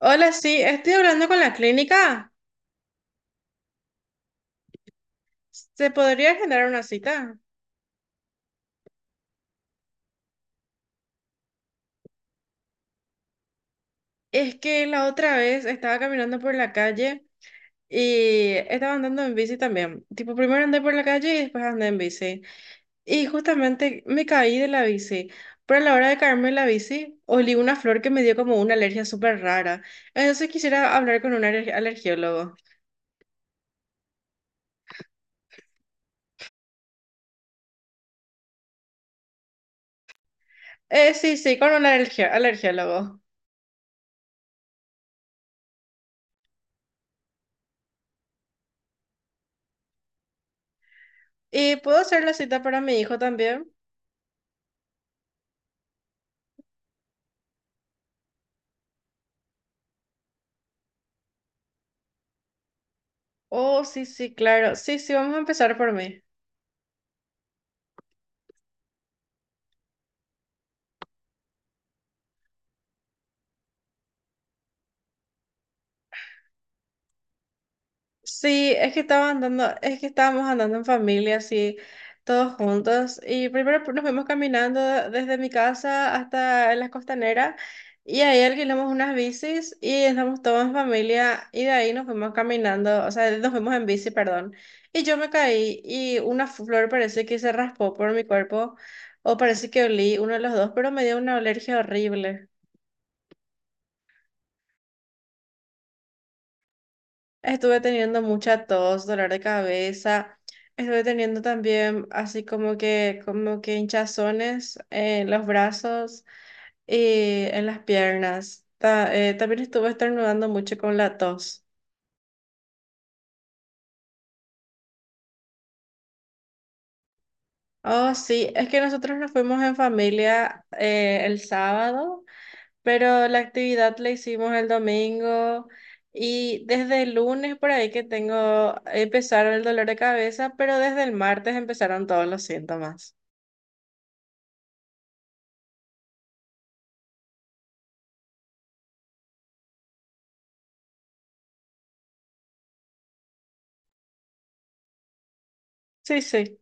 Hola, sí, estoy hablando con la clínica. ¿Se podría generar una cita? Es que la otra vez estaba caminando por la calle y estaba andando en bici también. Tipo, primero andé por la calle y después andé en bici. Y justamente me caí de la bici. Pero a la hora de caerme de la bici, olí una flor que me dio como una alergia súper rara. Entonces quisiera hablar con un alergiólogo. Sí, sí, con un alergiólogo. ¿Y puedo hacer la cita para mi hijo también? Oh, sí, sí, claro. Sí, sí, vamos a empezar por mí. Sí, es que estaba andando, es que estábamos andando en familia, así, todos juntos. Y primero nos fuimos caminando desde mi casa hasta las costaneras. Y ahí alquilamos unas bicis y estamos todos en familia. Y de ahí nos fuimos caminando, o sea, nos fuimos en bici, perdón. Y yo me caí y una flor parece que se raspó por mi cuerpo. O parece que olí uno de los dos, pero me dio una alergia horrible. Estuve teniendo mucha tos, dolor de cabeza. Estuve teniendo también así como que hinchazones en los brazos y en las piernas. También estuve estornudando mucho con la tos. Oh, sí, es que nosotros nos fuimos en familia el sábado, pero la actividad la hicimos el domingo y desde el lunes por ahí que tengo, empezaron el dolor de cabeza, pero desde el martes empezaron todos los síntomas. Sí, sí.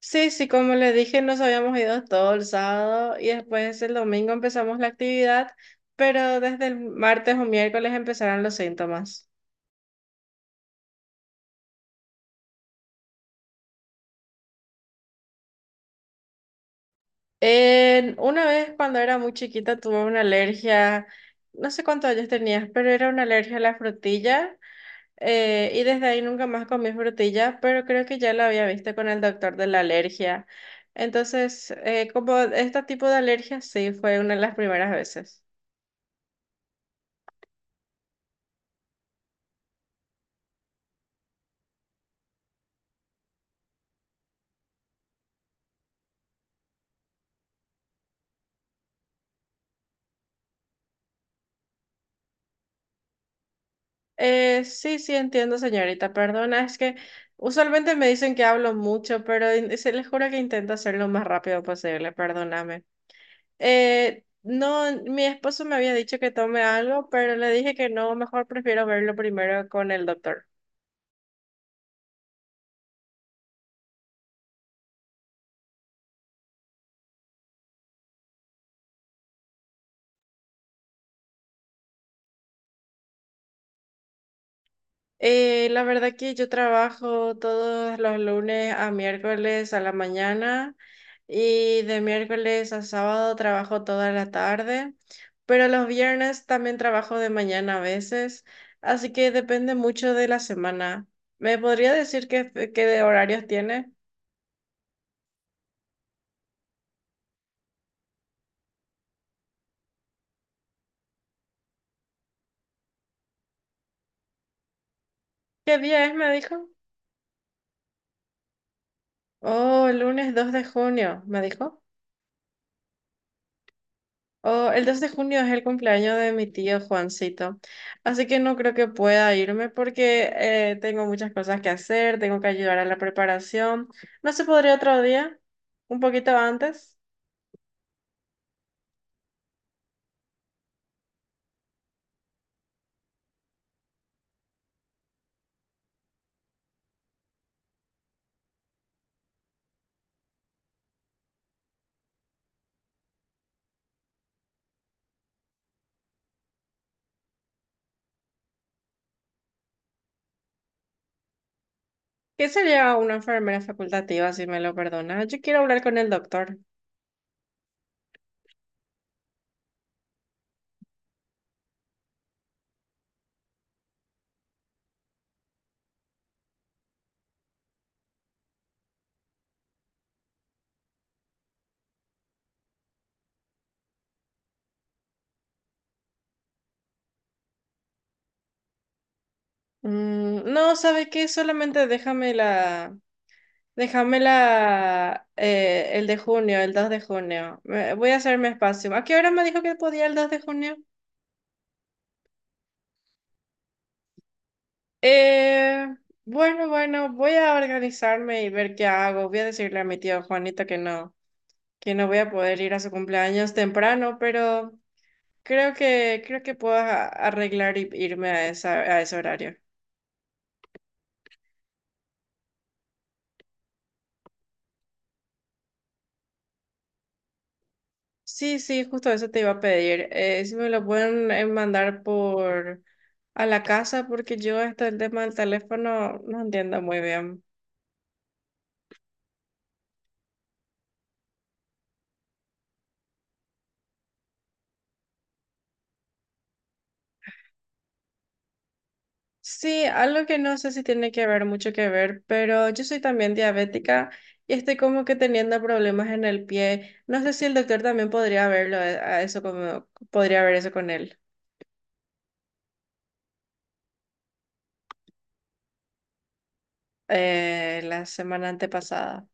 Sí, sí, como le dije, nos habíamos ido todo el sábado y después el domingo empezamos la actividad, pero desde el martes o miércoles empezaron los síntomas. Una vez cuando era muy chiquita tuve una alergia, no sé cuántos años tenías, pero era una alergia a la frutilla y desde ahí nunca más comí frutilla, pero creo que ya la había visto con el doctor de la alergia. Entonces, como este tipo de alergia, sí, fue una de las primeras veces. Sí, sí, entiendo, señorita. Perdona, es que usualmente me dicen que hablo mucho, pero se les juro que intento hacerlo lo más rápido posible. Perdóname. No, mi esposo me había dicho que tome algo, pero le dije que no, mejor prefiero verlo primero con el doctor. La verdad que yo trabajo todos los lunes a miércoles a la mañana y de miércoles a sábado trabajo toda la tarde, pero los viernes también trabajo de mañana a veces, así que depende mucho de la semana. ¿Me podría decir qué de horarios tiene? ¿Qué día es? Me dijo. Oh, lunes 2 de junio, me dijo. Oh, el 2 de junio es el cumpleaños de mi tío Juancito, así que no creo que pueda irme porque tengo muchas cosas que hacer, tengo que ayudar a la preparación. ¿No se podría otro día? ¿Un poquito antes? ¿Qué sería una enfermera facultativa, si me lo perdona? Yo quiero hablar con el doctor. Mm, no, ¿sabe qué? Solamente déjame la, el de junio, el 2 de junio. Voy a hacerme espacio. ¿A qué hora me dijo que podía el 2 de junio? Eh, bueno, bueno, voy a organizarme y ver qué hago. Voy a decirle a mi tía Juanita que no voy a poder ir a su cumpleaños temprano, pero creo que puedo arreglar y irme a esa, a ese horario. Sí, sí, justo eso te iba a pedir. Si me lo pueden mandar por a la casa, porque yo hasta el tema del teléfono no entiendo muy bien. Sí, algo que no sé si tiene que ver, mucho que ver, pero yo soy también diabética y estoy como que teniendo problemas en el pie. No sé si el doctor también podría verlo, a eso como, podría ver eso con él. La semana antepasada.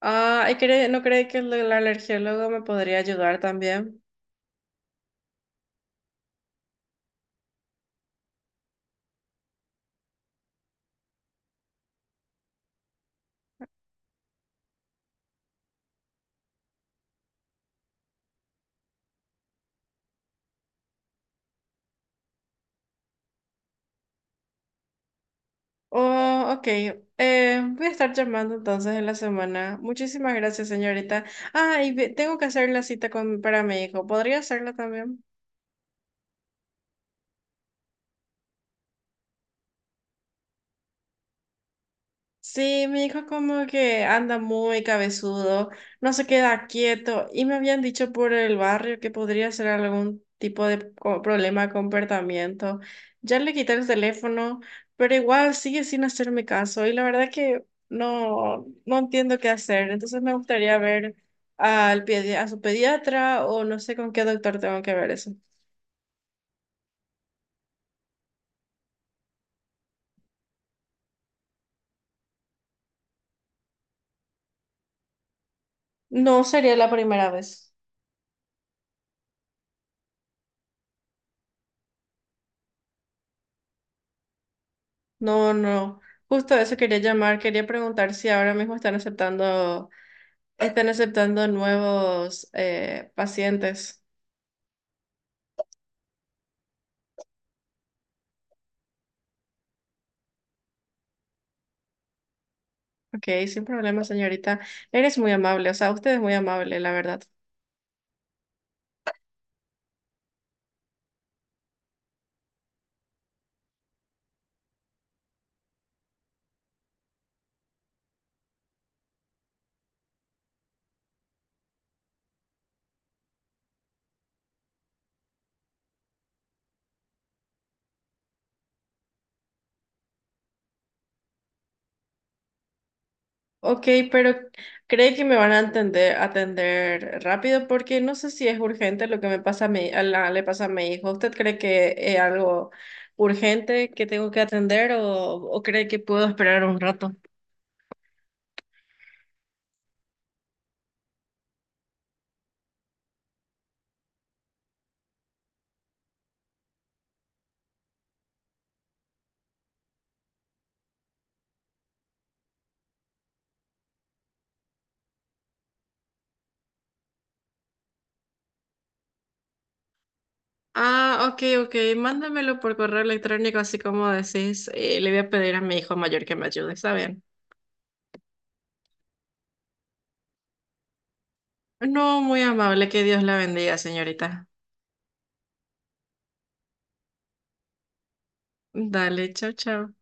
Ah, ¿y no cree que el alergiólogo me podría ayudar también? Oh, ok. Voy a estar llamando entonces en la semana. Muchísimas gracias, señorita. Ah, y tengo que hacer la cita con, para mi hijo. ¿Podría hacerla también? Sí, mi hijo como que anda muy cabezudo, no se queda quieto y me habían dicho por el barrio que podría ser algún tipo de problema con comportamiento. Ya le quité el teléfono, pero igual sigue sin hacerme caso y la verdad que no, no entiendo qué hacer. Entonces me gustaría ver a su pediatra o no sé con qué doctor tengo que ver eso. No sería la primera vez. No, no. Justo a eso quería llamar, quería preguntar si ahora mismo están aceptando nuevos pacientes. Ok, sin problema, señorita. Eres muy amable, o sea, usted es muy amable, la verdad. Ok, pero ¿cree que me van a atender rápido? Porque no sé si es urgente lo que me pasa a mi, le pasa a mi hijo. ¿Usted cree que es algo urgente que tengo que atender o cree que puedo esperar un rato? Ah, ok, ok. Mándamelo por correo electrónico, así como decís. Le voy a pedir a mi hijo mayor que me ayude, ¿está bien? No, muy amable, que Dios la bendiga, señorita. Dale, chao, chao.